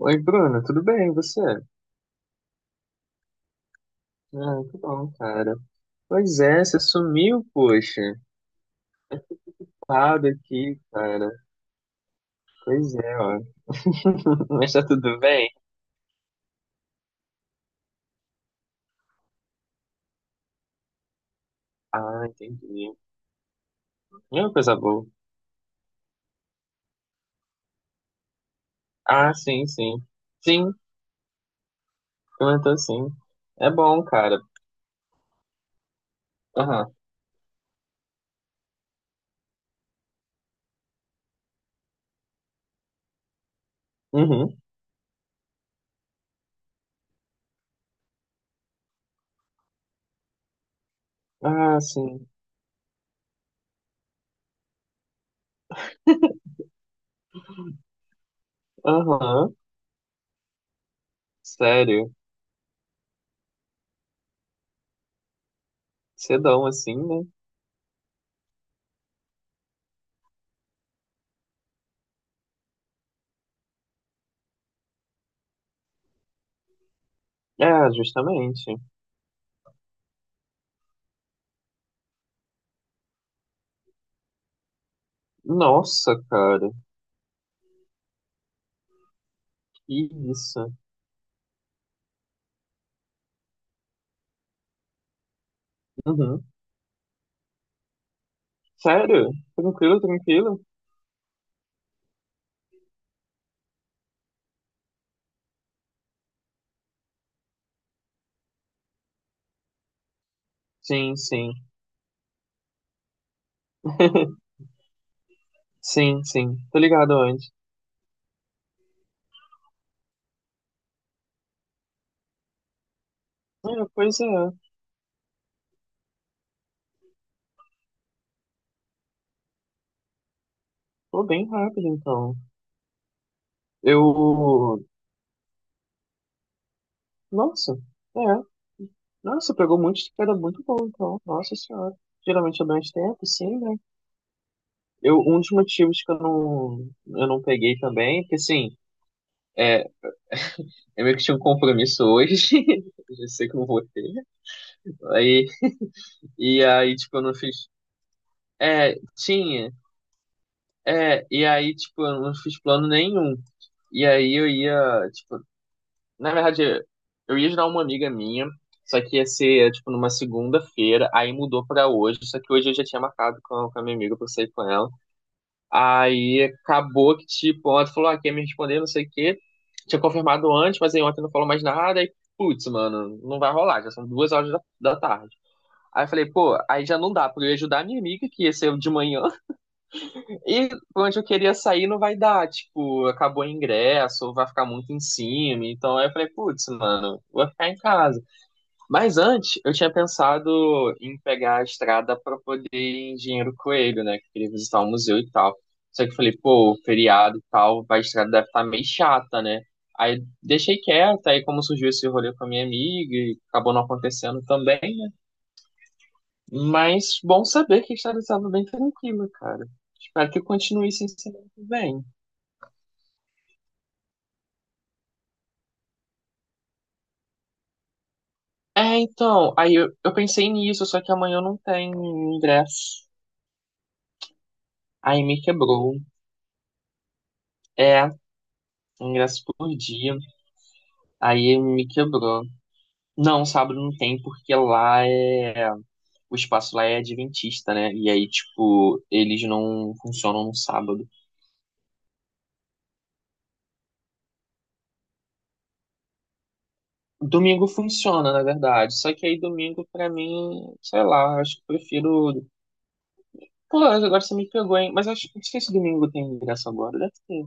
Oi, Bruno, tudo bem? E você? Ah, que bom, cara. Pois é, você sumiu, poxa. Parado aqui, cara. Pois é, ó. Mas tá tudo bem? Ah, entendi. É uma coisa boa. Ah, sim, sim. Sim, comentou sim. É bom, cara. Aham. Uhum. Ah, sim. Aham. Sério. Cedão assim, né? É, justamente. Nossa, cara. Que isso. Uhum. Sério? Tranquilo, tranquilo? Sim, sim. Sim, sim. Tô ligado onde. É, pois é. Pô, bem rápido, então. Eu. Nossa. É. Nossa, pegou muito era muito bom, então. Nossa senhora. Geralmente é mais tempo, sim, né? Um dos motivos que eu não peguei também, porque assim, é, eu meio que tinha um compromisso hoje. Eu já sei que eu não vou ter. Aí, e aí, tipo, eu não fiz. É, tinha. É, e aí, tipo, eu não fiz plano nenhum. E aí eu ia, tipo, na verdade, eu ia ajudar uma amiga minha, só que ia ser, tipo, numa segunda-feira, aí mudou pra hoje, só que hoje eu já tinha marcado com a minha amiga pra eu sair com ela. Aí acabou que, tipo, ontem falou, ah, quer me responder, não sei o quê. Tinha confirmado antes, mas aí ontem não falou mais nada, aí, putz, mano, não vai rolar, já são duas horas da tarde. Aí eu falei, pô, aí já não dá, porque eu ia ajudar a minha amiga, que ia ser de manhã, e pra onde eu queria sair não vai dar, tipo, acabou o ingresso, ou vai ficar muito em cima. Então aí eu falei, putz, mano, vou ficar em casa. Mas antes, eu tinha pensado em pegar a estrada pra poder ir em Engenheiro Coelho, né? Que eu queria visitar o museu e tal. Só que eu falei, pô, feriado e tal, a estrada deve estar meio chata, né? Aí deixei quieto, aí como surgiu esse rolê com a minha amiga e acabou não acontecendo também, né? Mas bom saber que a estrada estava bem tranquila, cara. Espero que continue assim semana que vem. É, então, aí eu pensei nisso, só que amanhã eu não tenho ingresso. Aí me quebrou. É, um ingresso por dia. Aí me quebrou. Não, sábado não tem, porque lá é. O espaço lá é adventista, né? E aí, tipo, eles não funcionam no sábado. Domingo funciona, na verdade. Só que aí domingo, pra mim, sei lá, acho que prefiro. Pô, agora você me pegou, hein? Mas acho que não sei se domingo tem ingresso agora, deve ter.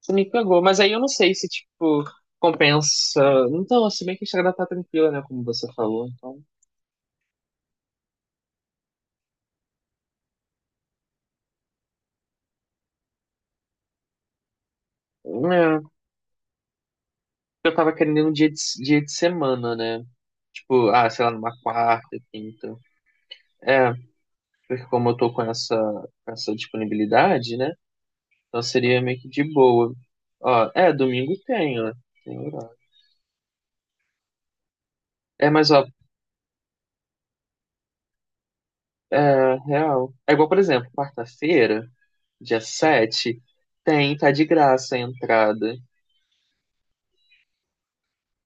Você me pegou, mas aí eu não sei se, tipo, compensa. Então, se bem que a estrada tá tranquila, né? Como você falou. Então, é, eu tava querendo um dia de semana, né? Tipo, ah, sei lá, numa quarta, quinta. É, porque como eu tô com essa disponibilidade, né? Então seria meio que de boa. Ó, é, domingo tem, ó. Tem horário. É, mas ó, é real. É igual, por exemplo, quarta-feira, dia 7, tem, tá de graça a entrada.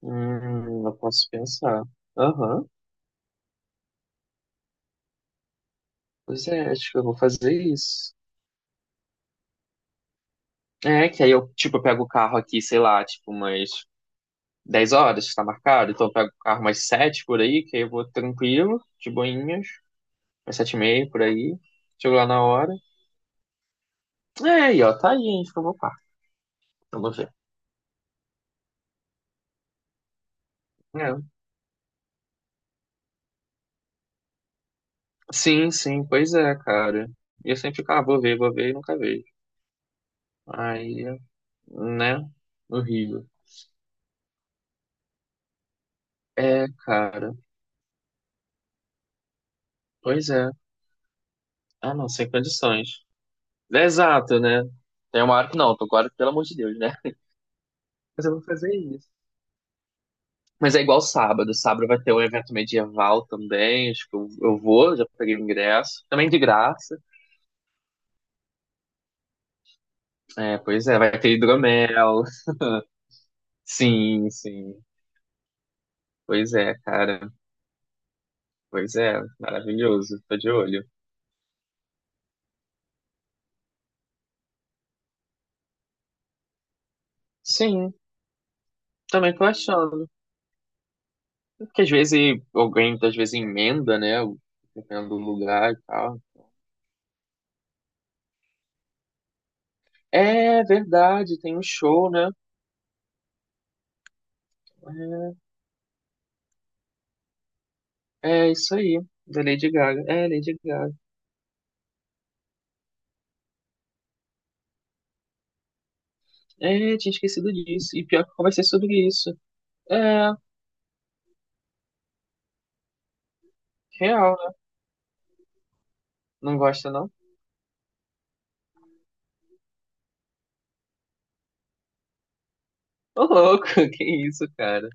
Eu posso pensar. Aham. Pois é, acho que eu vou fazer isso. É, que aí eu, tipo, eu pego o carro aqui, sei lá, tipo, umas 10 horas, tá marcado. Então eu pego o carro umas 7 por aí, que aí eu vou tranquilo, de boinhas, umas 7:30 por aí. Chego lá na hora. É, aí, ó, tá aí, hein, acho que eu vou par. Vamos ver. É. Sim, sim, pois é, cara. E eu sempre fico, ah, vou ver e nunca vejo. Aí, né? Horrível. É, cara. Pois é. Ah, não, sem condições. É, exato, né? Tem uma hora que não, tô agora, pelo amor de Deus, né? Mas eu vou fazer isso. Mas é igual sábado. Sábado vai ter um evento medieval também. Acho que eu vou, já peguei o ingresso. Também de graça. É, pois é, vai ter hidromel. Sim, sim. Pois é, cara. Pois é, maravilhoso. Tô de olho. Sim, também tô achando. Porque às vezes alguém, às vezes, emenda, né? Dependendo do lugar e tal. É verdade, tem um show, né? É. É isso aí, da Lady Gaga. É, Lady Gaga. É, tinha esquecido disso. E pior que eu conversei sobre isso. É, real, né? Não gosta, não? Ô, louco, que isso, cara?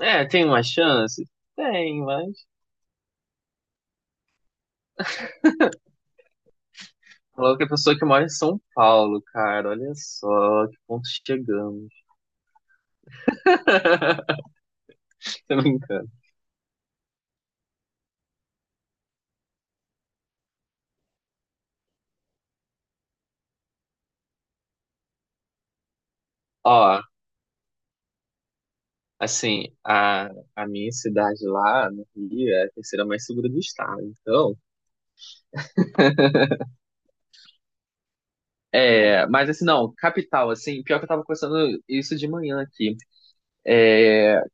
É, tem uma chance? Tem, mas. Louco é a pessoa que mora em São Paulo, cara. Olha só que ponto chegamos. Tô brincando. Ó, assim, a minha cidade lá no Rio é a terceira mais segura do estado. Então, mas assim, não, capital, assim, pior que eu tava conversando isso de manhã aqui.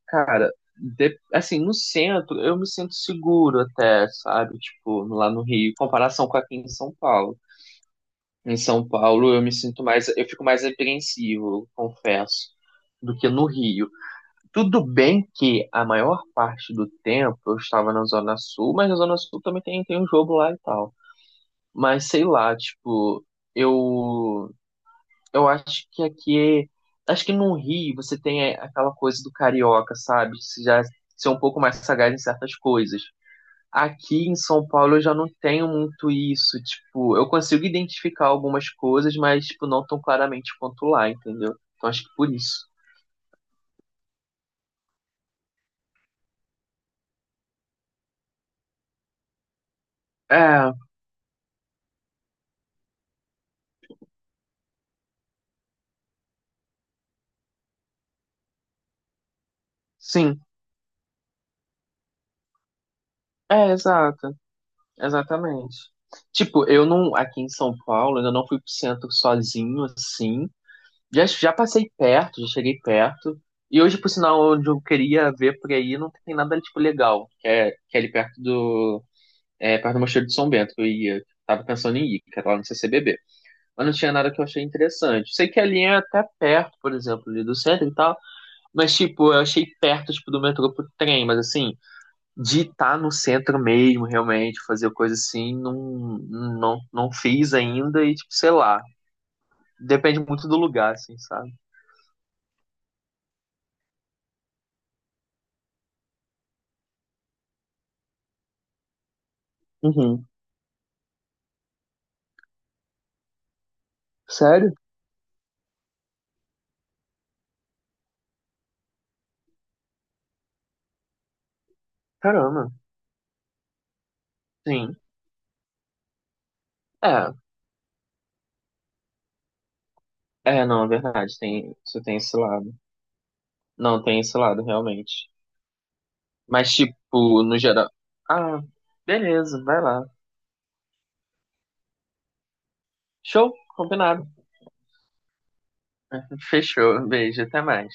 Cara, assim, no centro eu me sinto seguro até, sabe? Tipo, lá no Rio, em comparação com aqui em São Paulo. Em São Paulo eu me sinto mais, eu fico mais apreensivo, eu confesso, do que no Rio. Tudo bem que a maior parte do tempo eu estava na Zona Sul, mas na Zona Sul também tem um jogo lá e tal. Mas sei lá, tipo, eu eu acho que aqui, acho que no Rio você tem aquela coisa do carioca, sabe? Você já ser um pouco mais sagaz em certas coisas. Aqui em São Paulo eu já não tenho muito isso, tipo, eu consigo identificar algumas coisas, mas tipo, não tão claramente quanto lá, entendeu? Então acho que por isso. É, sim, exato, exatamente. Tipo, eu não, aqui em São Paulo, ainda não fui pro centro sozinho, assim. Já passei perto, já cheguei perto. E hoje, por sinal, onde eu queria ver por aí, não tem nada, tipo, legal. Que é ali perto do... É, perto do Mosteiro de São Bento, que eu ia. Tava pensando em ir, que era lá no CCBB. Mas não tinha nada que eu achei interessante. Sei que ali é até perto, por exemplo, ali do centro e tal. Mas, tipo, eu achei perto, tipo, do metrô pro trem. Mas, assim, de estar no centro mesmo, realmente, fazer coisa assim, não, não, não fiz ainda. E, tipo, sei lá. Depende muito do lugar, assim, sabe? Uhum. Sério? Caramba, sim. É, não, é verdade, tem, você tem esse lado. Não, tem esse lado, realmente. Mas, tipo, no geral. Ah, beleza, vai lá. Show, combinado. Fechou, beijo, até mais.